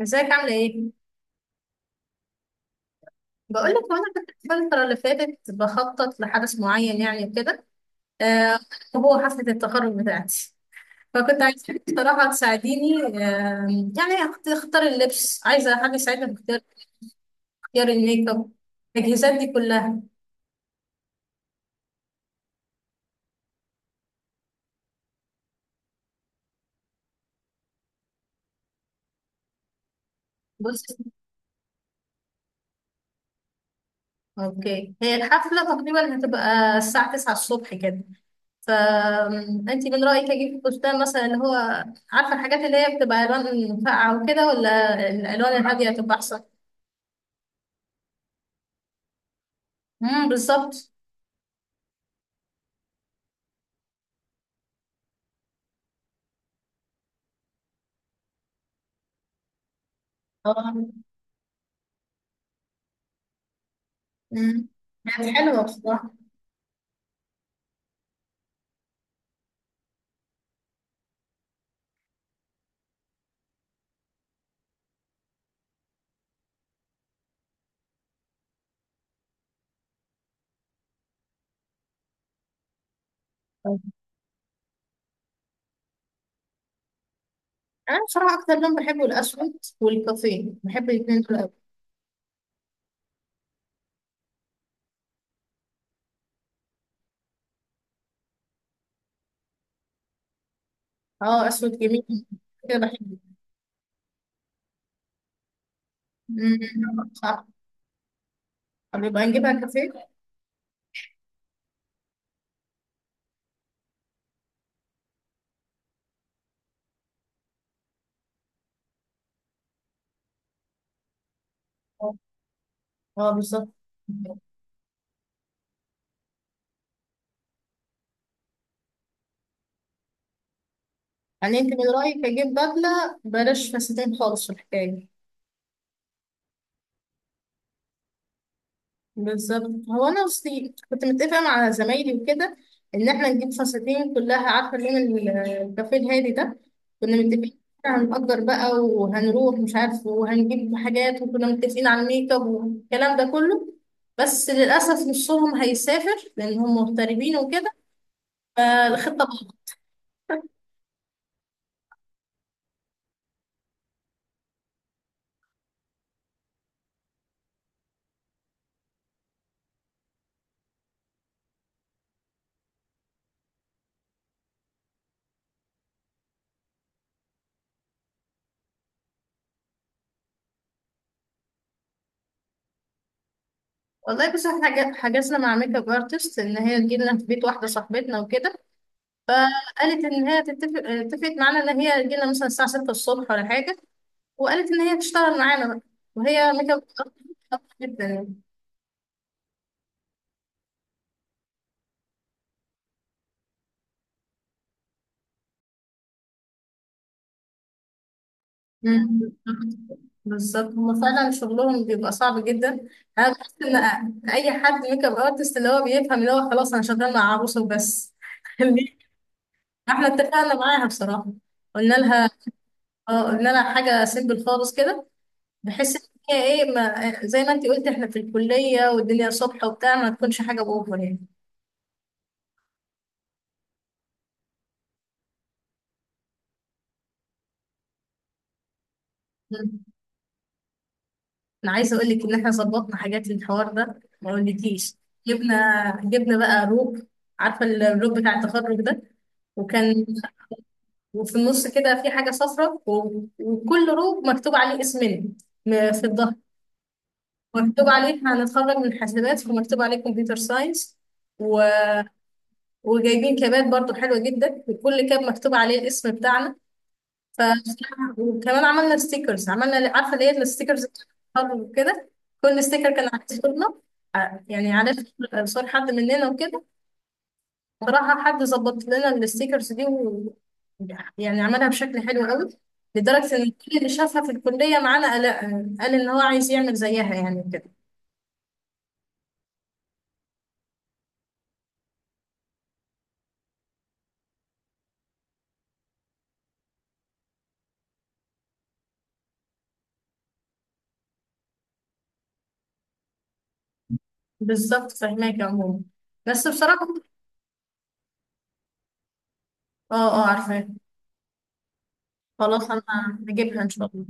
ازيك؟ عاملة ايه؟ بقولك هو انا كنت الفترة اللي فاتت بخطط لحدث معين يعني وكده. آه، وهو حفلة التخرج بتاعتي. فكنت عايزاك بصراحة تساعديني. آه يعني اختار اللبس، عايزة حد يساعدني في اختيار، اختيار الميك اب، التجهيزات دي كلها. بص، اوكي، هي الحفلة تقريبا هتبقى الساعة 9 الصبح كده. فأنت من رأيك أجيب فستان مثلا اللي هو، عارفة الحاجات اللي هي بتبقى ألوان فاقعة وكده، ولا الألوان الهادية هتبقى أحسن؟ امم، بالظبط. اه. امم. كانت حلوة بصراحة. أنا بصراحة أكتر لون بحبه الأسود والكافيه، بحب الاتنين دول أوي. اه، أسود جميل. كده بحبه. صح. طب يبقى نجيبها كافيه. اه. آه، بالظبط. يعني أنت من رأيك أجيب بدلة بلاش فساتين خالص في الحكاية؟ بالظبط. هو انا اصلي كنت متفقه مع زمايلي وكده ان احنا نجيب فساتين كلها، عارفه لون الكافيه الهادي ده. كنا متفقين إن إحنا هنأجر بقى وهنروح مش عارف وهنجيب حاجات، وكنا متفقين على الميك اب والكلام ده كله. بس للاسف نصهم هيسافر لان هم مغتربين وكده، فالخطه باظت. والله بس احنا حجزنا مع ميك اب ارتست ان هي تجيلنا في بيت واحده صاحبتنا وكده. قالت ان هي تتفق، اتفقت معانا ان هي تجيلنا مثلا الساعه 6 الصبح ولا حاجه، وقالت ان هي تشتغل معانا، وهي ميك اب artist جدا يعني. مم. بالظبط، هما فعلا شغلهم بيبقى صعب جدا. انا بحس ان اي حد ميك اب ارتست اللي هو بيفهم اللي هو خلاص انا شغال مع عروسه وبس. احنا اتفقنا معاها بصراحه، قلنا لها، اه قلنا لها حاجه سيمبل خالص كده. بحس ان هي ايه، ما زي ما انت قلت احنا في الكليه والدنيا صبح وبتاع، ما تكونش حاجه باوفر يعني. انا عايزه اقول لك ان احنا ظبطنا حاجات للحوار ده ما اقولكيش. جبنا جبنا بقى روب، عارفه الروب بتاع التخرج ده، وكان، وفي النص كده في حاجه صفراء وكل روب مكتوب عليه اسمنا، في الظهر، مكتوب عليه هنتخرج من حاسبات، ومكتوب عليه كمبيوتر ساينس و... وجايبين كابات برضو حلوه جدا، وكل كاب مكتوب عليه الاسم بتاعنا. ف، وكمان عملنا ستيكرز، عملنا عارفه اللي هي الستيكرز وكده. كل ستيكر كان عليه صورنا، يعني عليه صور حد مننا وكده. بصراحه حد ظبط لنا الستيكرز دي و... يعني عملها بشكل حلو قوي، لدرجه ان كل اللي شافها في الكليه معانا قال، قال ان هو عايز يعمل زيها يعني كده. بالظبط فهماك يا عموما. بس بصراحه اه، اه عارفاه. خلاص انا هجيبها ان شاء الله.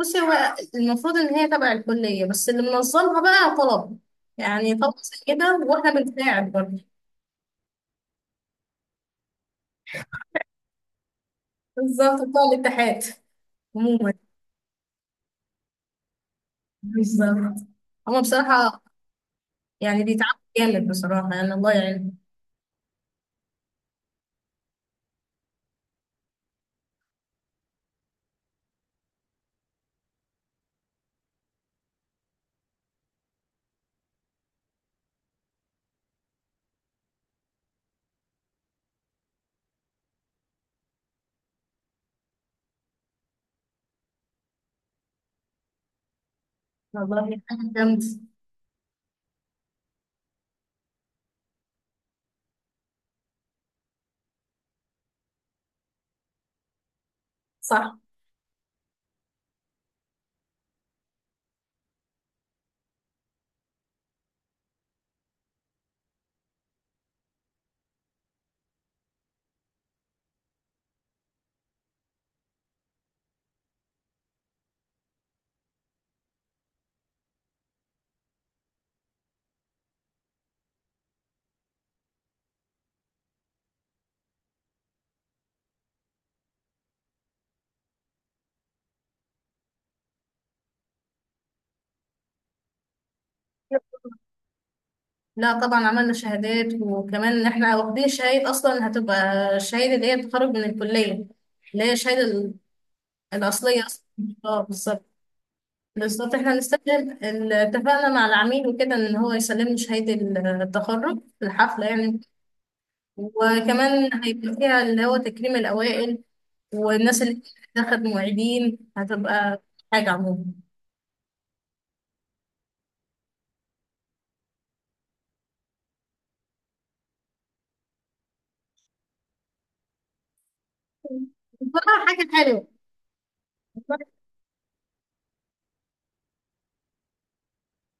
بصي، هو المفروض ان هي تبع الكليه، بس اللي منظمها بقى طلب يعني، طلب زي كده، واحنا بنساعد برضه. بالظبط بتوع الاتحاد عموما. بالظبط هما بصراحه يعني بيتعبوا جامد بصراحه، يعني الله يعينهم. والله حاجه جامده. صح. لا طبعا عملنا شهادات، وكمان ان احنا واخدين شهاده اصلا هتبقى الشهاده اللي هي التخرج من الكليه، اللي هي الشهاده الاصليه اصلا. اه بالظبط بالظبط. احنا هنستخدم اتفقنا مع العميل وكده ان هو يسلمني شهادة التخرج في الحفلة يعني. وكمان هيبقى فيها اللي هو تكريم الأوائل، والناس اللي دخلت معيدين، هتبقى حاجة عموما بصراحة حاجة حلوة.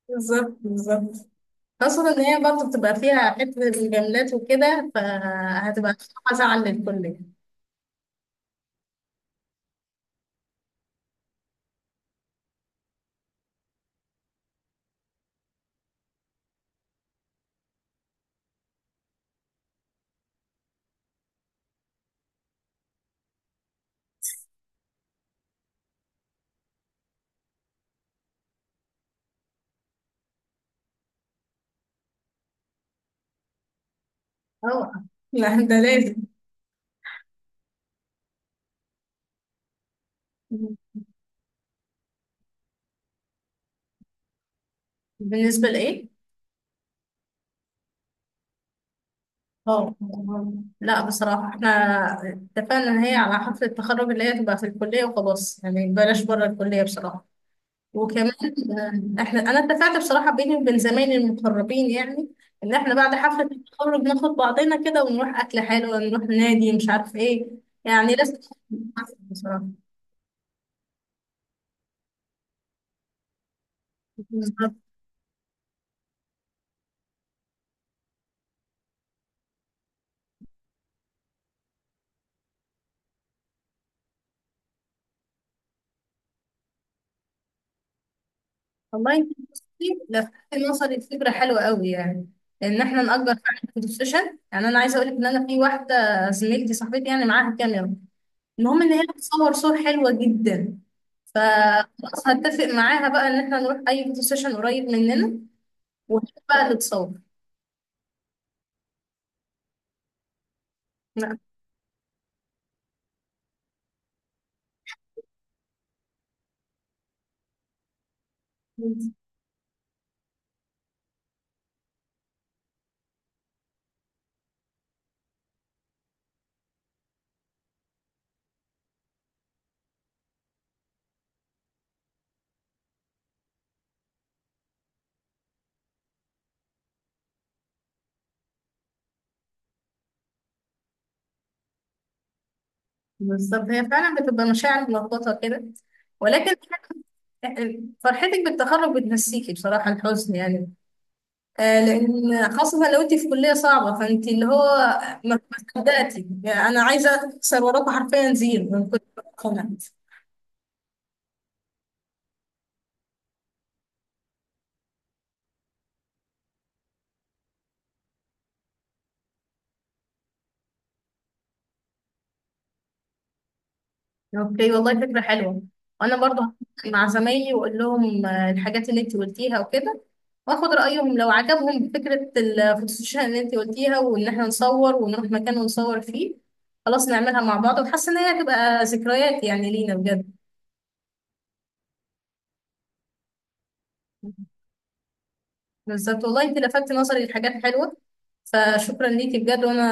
بالظبط بالظبط، خاصة ان هي برضه بتبقى فيها حتة الجملات وكده، فهتبقى حاجة زعل للكل. اه لا ده لازم. بالنسبة لإيه؟ اه لا بصراحة احنا اتفقنا ان هي على حفلة التخرج اللي هي تبقى في الكلية وخلاص يعني، بلاش بره الكلية بصراحة. وكمان آه، انا اتفقت بصراحة بيني وبين زمايلي المقربين يعني ان احنا بعد حفلة التخرج ناخد بعضنا كده ونروح اكل حلو، نروح نادي، مش عارف ايه، يعني لازم نتحفل بصراحة. بالظبط. والله انت بصي، لفتت نظري لفكرة حلوة قوي يعني، ان احنا نأجر فعلا فوتو سيشن. يعني انا عايزة اقول لك ان انا في واحدة زميلتي صاحبتي يعني معاها كاميرا، المهم ان هي بتصور صور حلوه جدا. فخلاص هتفق معاها بقى ان احنا نروح اي فوتو سيشن قريب مننا، وهي بقى اللي تصور. لا بالظبط، هي فعلا بتبقى مشاعر ملخبطه كده، ولكن فرحتك بالتخرج بتنسيكي بصراحه الحزن يعني. آه لان خاصه لو انت في كليه صعبه فانت اللي هو ما صدقتي يعني. انا عايزه اكسر وراكم حرفيا زيرو من كتر ما أنا. اوكي والله فكرة حلوة. وانا برضه هحكي مع زمايلي واقول لهم آه، الحاجات اللي انت قلتيها وكده، واخد رأيهم لو عجبهم فكرة الفوتوشوب اللي انت قلتيها، وان احنا نصور ونروح مكان ونصور فيه. خلاص نعملها مع بعض، وحاسة ان هي هتبقى ذكريات يعني لينا بجد. بالظبط والله، انت لفتت نظري لحاجات حلوة، فشكرا ليكي بجد. وانا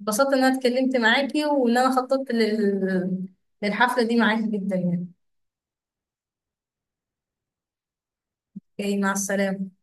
اتبسطت ان انا اتكلمت معاكي وان انا خططت للحفلة دي معاكي جدا يعني. اوكي، مع السلامة.